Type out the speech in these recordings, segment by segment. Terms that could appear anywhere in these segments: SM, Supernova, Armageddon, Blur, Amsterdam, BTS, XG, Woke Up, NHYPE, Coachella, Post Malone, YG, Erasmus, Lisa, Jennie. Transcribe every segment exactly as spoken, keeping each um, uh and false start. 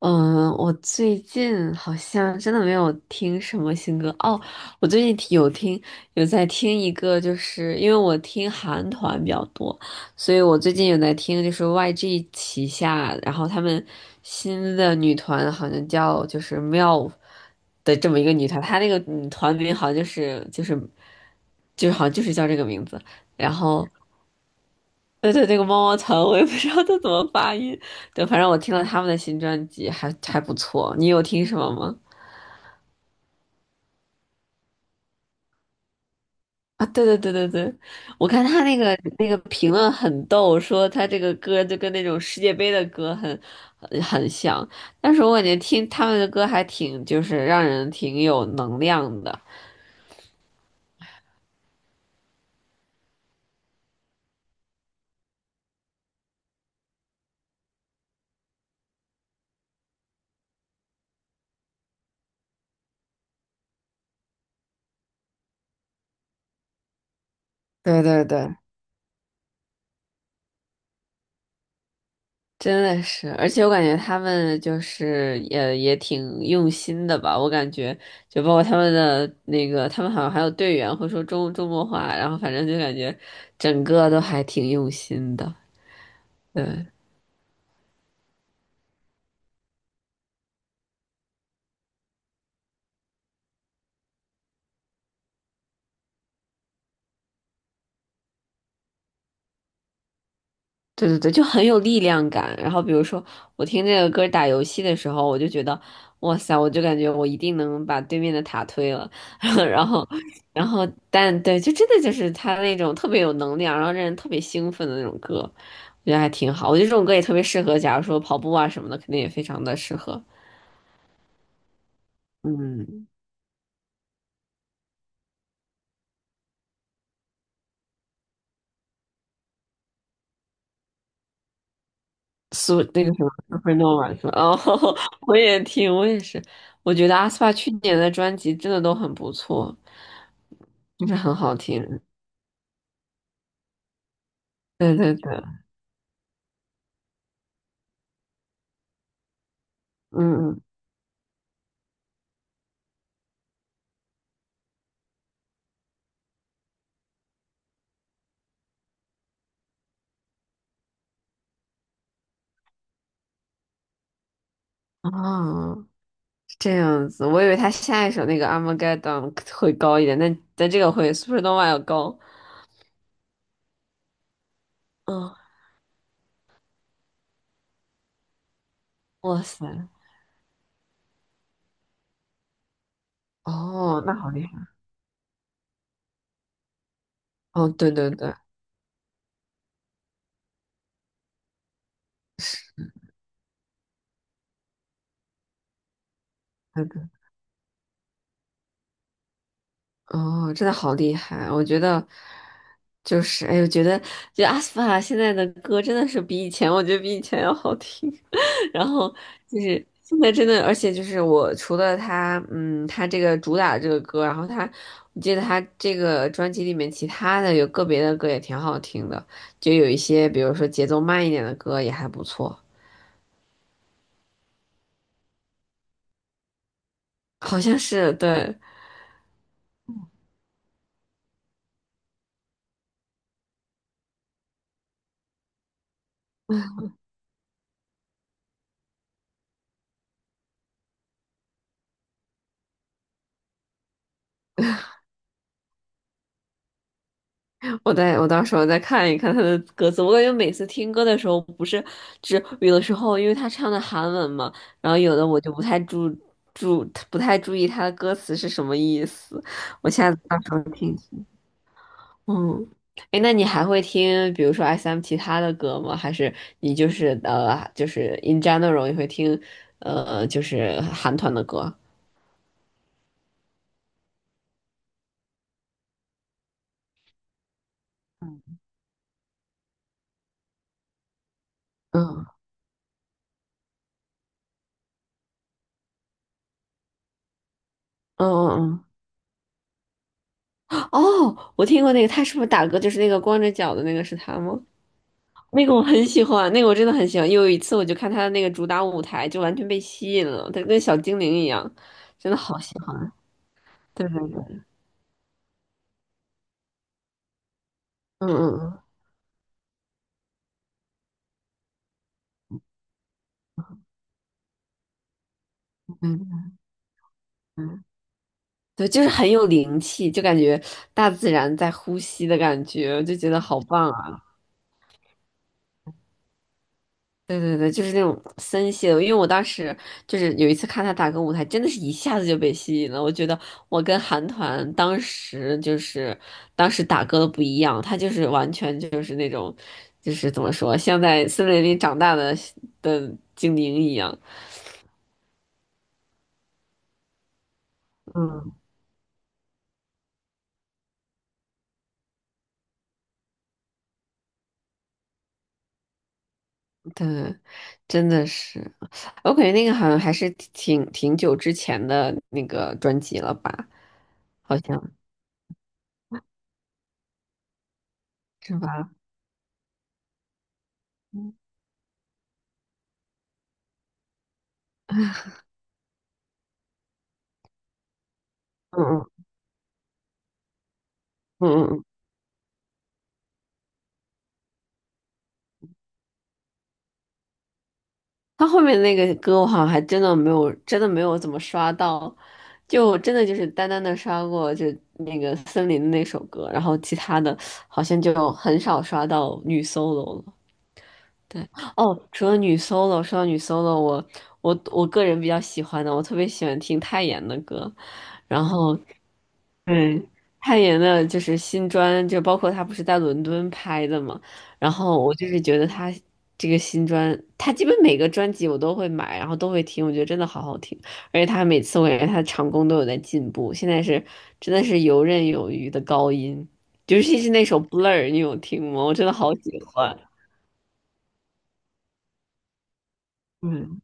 嗯，我最近好像真的没有听什么新歌哦。我最近听有听有在听一个，就是因为我听韩团比较多，所以我最近有在听，就是 Y G 旗下，然后他们新的女团好像叫就是 m i l F 的这么一个女团，她那个女团名好像就是就是就是好像就是叫这个名字，然后。对对，那个猫猫糖，我也不知道它怎么发音。对，反正我听了他们的新专辑还还不错。你有听什么吗？啊，对对对对对，我看他那个那个评论很逗，说他这个歌就跟那种世界杯的歌很很很像，但是我感觉听他们的歌还挺就是让人挺有能量的。对对对，真的是，而且我感觉他们就是也也挺用心的吧，我感觉就包括他们的那个，他们好像还有队员会说中中国话，然后反正就感觉整个都还挺用心的，对。对对对，就很有力量感。然后比如说，我听这个歌打游戏的时候，我就觉得，哇塞，我就感觉我一定能把对面的塔推了。然后，然后，但对，就真的就是他那种特别有能量，然后让人特别兴奋的那种歌，我觉得还挺好。我觉得这种歌也特别适合，假如说跑步啊什么的，肯定也非常的适合。嗯，苏那个什么 Supernova 是吧？哦，我也听，我也是。我觉得阿斯帕去年的专辑真的都很不错，就是很好听。对对对，嗯嗯，哦，是这样子，我以为他下一首那个《Armageddon》会高一点，但但这个会《Supernova》要高。嗯，哇塞，哦，那好厉害。哦，对对对，是，那个。哦，真的好厉害！我觉得就是，哎，我觉得就阿斯帕现在的歌真的是比以前，我觉得比以前要好听。然后就是现在真的，而且就是我除了他，嗯，他这个主打的这个歌，然后他，我记得他这个专辑里面其他的有个别的歌也挺好听的，就有一些比如说节奏慢一点的歌也还不错，好像是对。我再我到时候再看一看他的歌词，我感觉每次听歌的时候，不是只有的时候，因为他唱的韩文嘛，然后有的我就不太注注不太注意他的歌词是什么意思，我下次到时候听听。嗯，哎，那你还会听比如说 S M 其他的歌吗？还是你就是呃就是 in general 也会听呃就是韩团的歌？嗯，嗯嗯嗯嗯，哦，我听过那个，他是不是打歌就是那个光着脚的那个是他吗？那个我很喜欢，那个我真的很喜欢。有一次我就看他的那个主打舞台，就完全被吸引了，他跟小精灵一样，真的好喜欢。对对对，嗯嗯嗯嗯嗯，对，就是很有灵气，就感觉大自然在呼吸的感觉，我就觉得好棒。啊。对对对，就是那种森系的，因为我当时就是有一次看他打歌舞台，真的是一下子就被吸引了。我觉得我跟韩团当时就是当时打歌的不一样，他就是完全就是那种，就是怎么说，像在森林里长大的的精灵一样。嗯，对，真的是，我感觉那个好像还是挺挺久之前的那个专辑了吧，好像是吧？嗯嗯嗯嗯嗯。他后面那个歌我好像还真的没有，真的没有怎么刷到，就真的就是单单的刷过就那个森林的那首歌，然后其他的好像就很少刷到女 solo 了。对，哦，除了女 solo,说到女 solo,我我我个人比较喜欢的，我特别喜欢听泰妍的歌，然后对，泰妍的就是新专，就包括他不是在伦敦拍的嘛，然后我就是觉得他这个新专，他基本每个专辑我都会买，然后都会听，我觉得真的好好听，而且他每次我感觉她的唱功都有在进步，现在是真的是游刃有余的高音，尤其是那首《Blur》,你有听吗？我真的好喜欢。嗯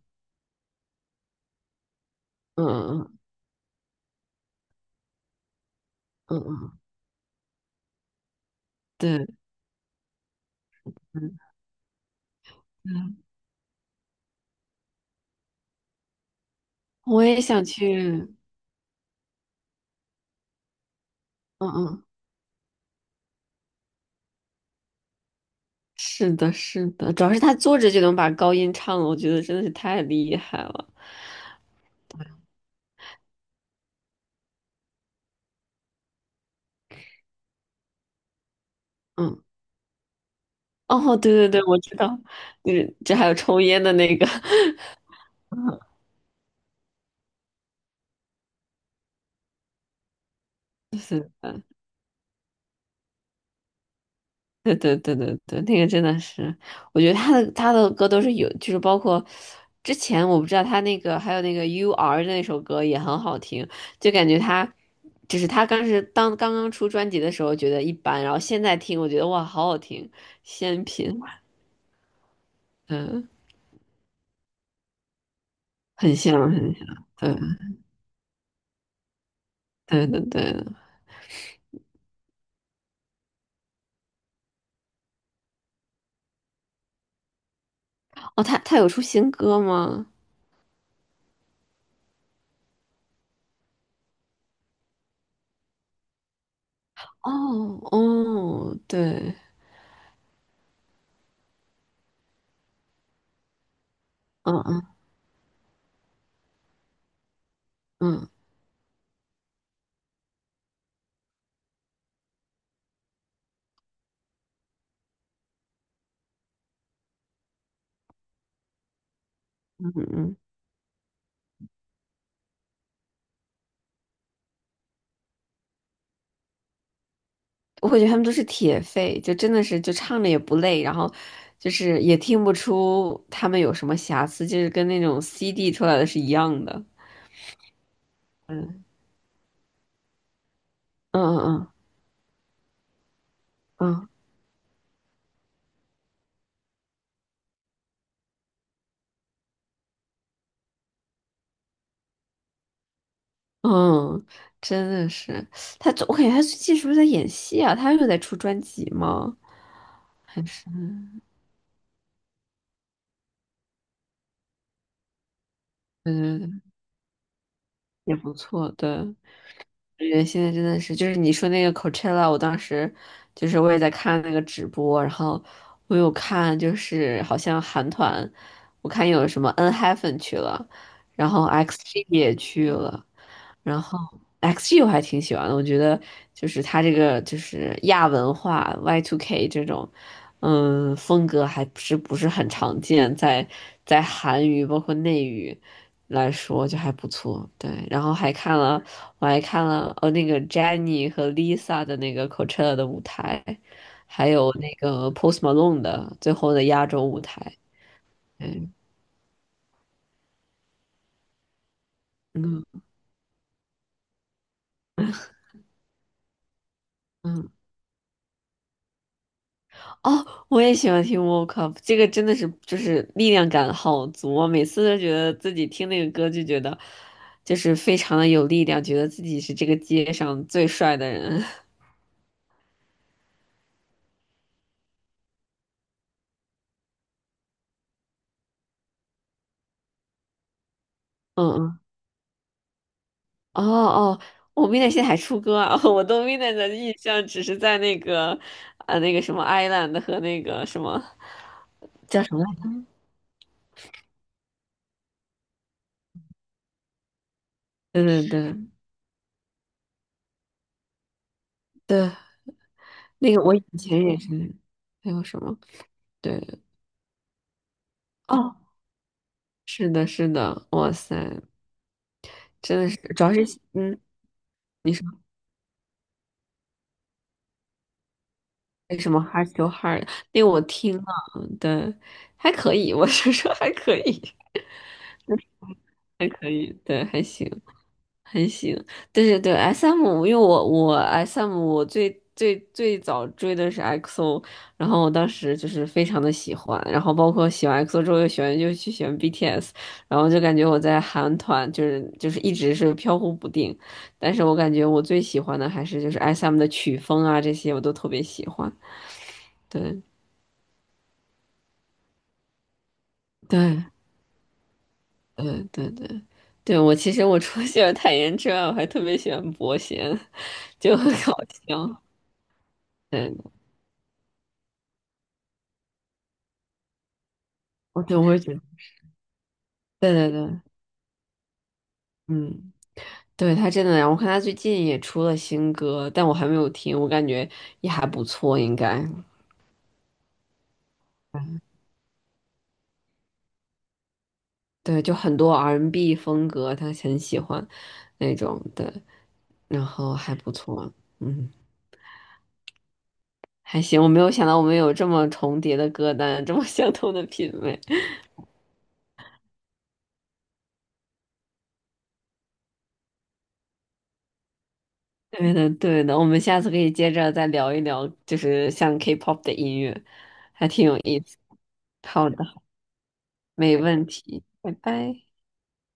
嗯嗯嗯嗯，对，嗯嗯，我也想去，嗯嗯。是的，是的，主要是他坐着就能把高音唱了，我觉得真的是太厉害了。嗯，哦，对对对，我知道，就是这还有抽烟的那个，嗯是的，对对对对对，那个真的是，我觉得他的他的歌都是有，就是包括之前我不知道他那个还有那个 U R 的那首歌也很好听，就感觉他就是他当时当刚刚出专辑的时候觉得一般，然后现在听我觉得哇好好听，仙品，嗯，很像很像。对。对对对，哦，他他有出新歌吗？哦哦，对，嗯嗯嗯嗯嗯，我感觉他们都是铁肺，就真的是就唱着也不累，然后就是也听不出他们有什么瑕疵，就是跟那种 C D 出来的是一样的。嗯嗯嗯嗯嗯，真的是他，我感觉他最近是不是在演戏啊？他又在出专辑吗？还是对对对，也不错，对。感觉现在真的是，就是你说那个 Coachella,我当时就是我也在看那个直播，然后我有看，就是好像韩团，我看有什么 n h y p e n 去了，然后 X G 也去了，然后 X G 我还挺喜欢的，我觉得就是他这个就是亚文化 Y two K 这种，嗯，风格还是不是很常见，在在韩语包括内语来说就还不错。对，然后还看了，我还看了呃那个 Jennie 和 Lisa 的那个 Coachella 的舞台，还有那个 Post Malone 的最后的压轴舞台。对，嗯嗯。哦，我也喜欢听 Woke Up,这个真的是就是力量感好足啊！每次都觉得自己听那个歌就觉得，就是非常的有力量，觉得自己是这个街上最帅的人。嗯嗯，哦哦，我 m i d n i g 现在还出歌啊！我对 m i d n i g 的印象只是在那个呃那个什么 Island 和那个什么叫什么来着？对对对对，那个我以前也是，还有什么？对，哦，是的，是的，哇塞！真的是，主要是嗯，你说为什么 hard to hard?那个我听了，对，还可以，我是说还可以，还可以，对，还行。很行，对对对，S M,因为我我 S M 我最最最早追的是 x o 然后我当时就是非常的喜欢，然后包括喜欢 x o 之后又喜欢又去喜欢 B T S,然后就感觉我在韩团就是就是一直是飘忽不定，但是我感觉我最喜欢的还是就是 S M 的曲风啊这些我都特别喜欢，对对对对对，对我其实我除了喜欢泰妍之外，我还特别喜欢伯贤，就很搞笑。对，我对我也觉得。对对对，嗯，对，他真的，我看他最近也出了新歌，但我还没有听，我感觉也还不错，应该。对，就很多 R and B n 风格，他很喜欢那种的，然后还不错，嗯，还行。我没有想到我们有这么重叠的歌单，这么相同的品味。对的，对的，我们下次可以接着再聊一聊，就是像 K-pop 的音乐，还挺有意思。好的，没问题，拜拜。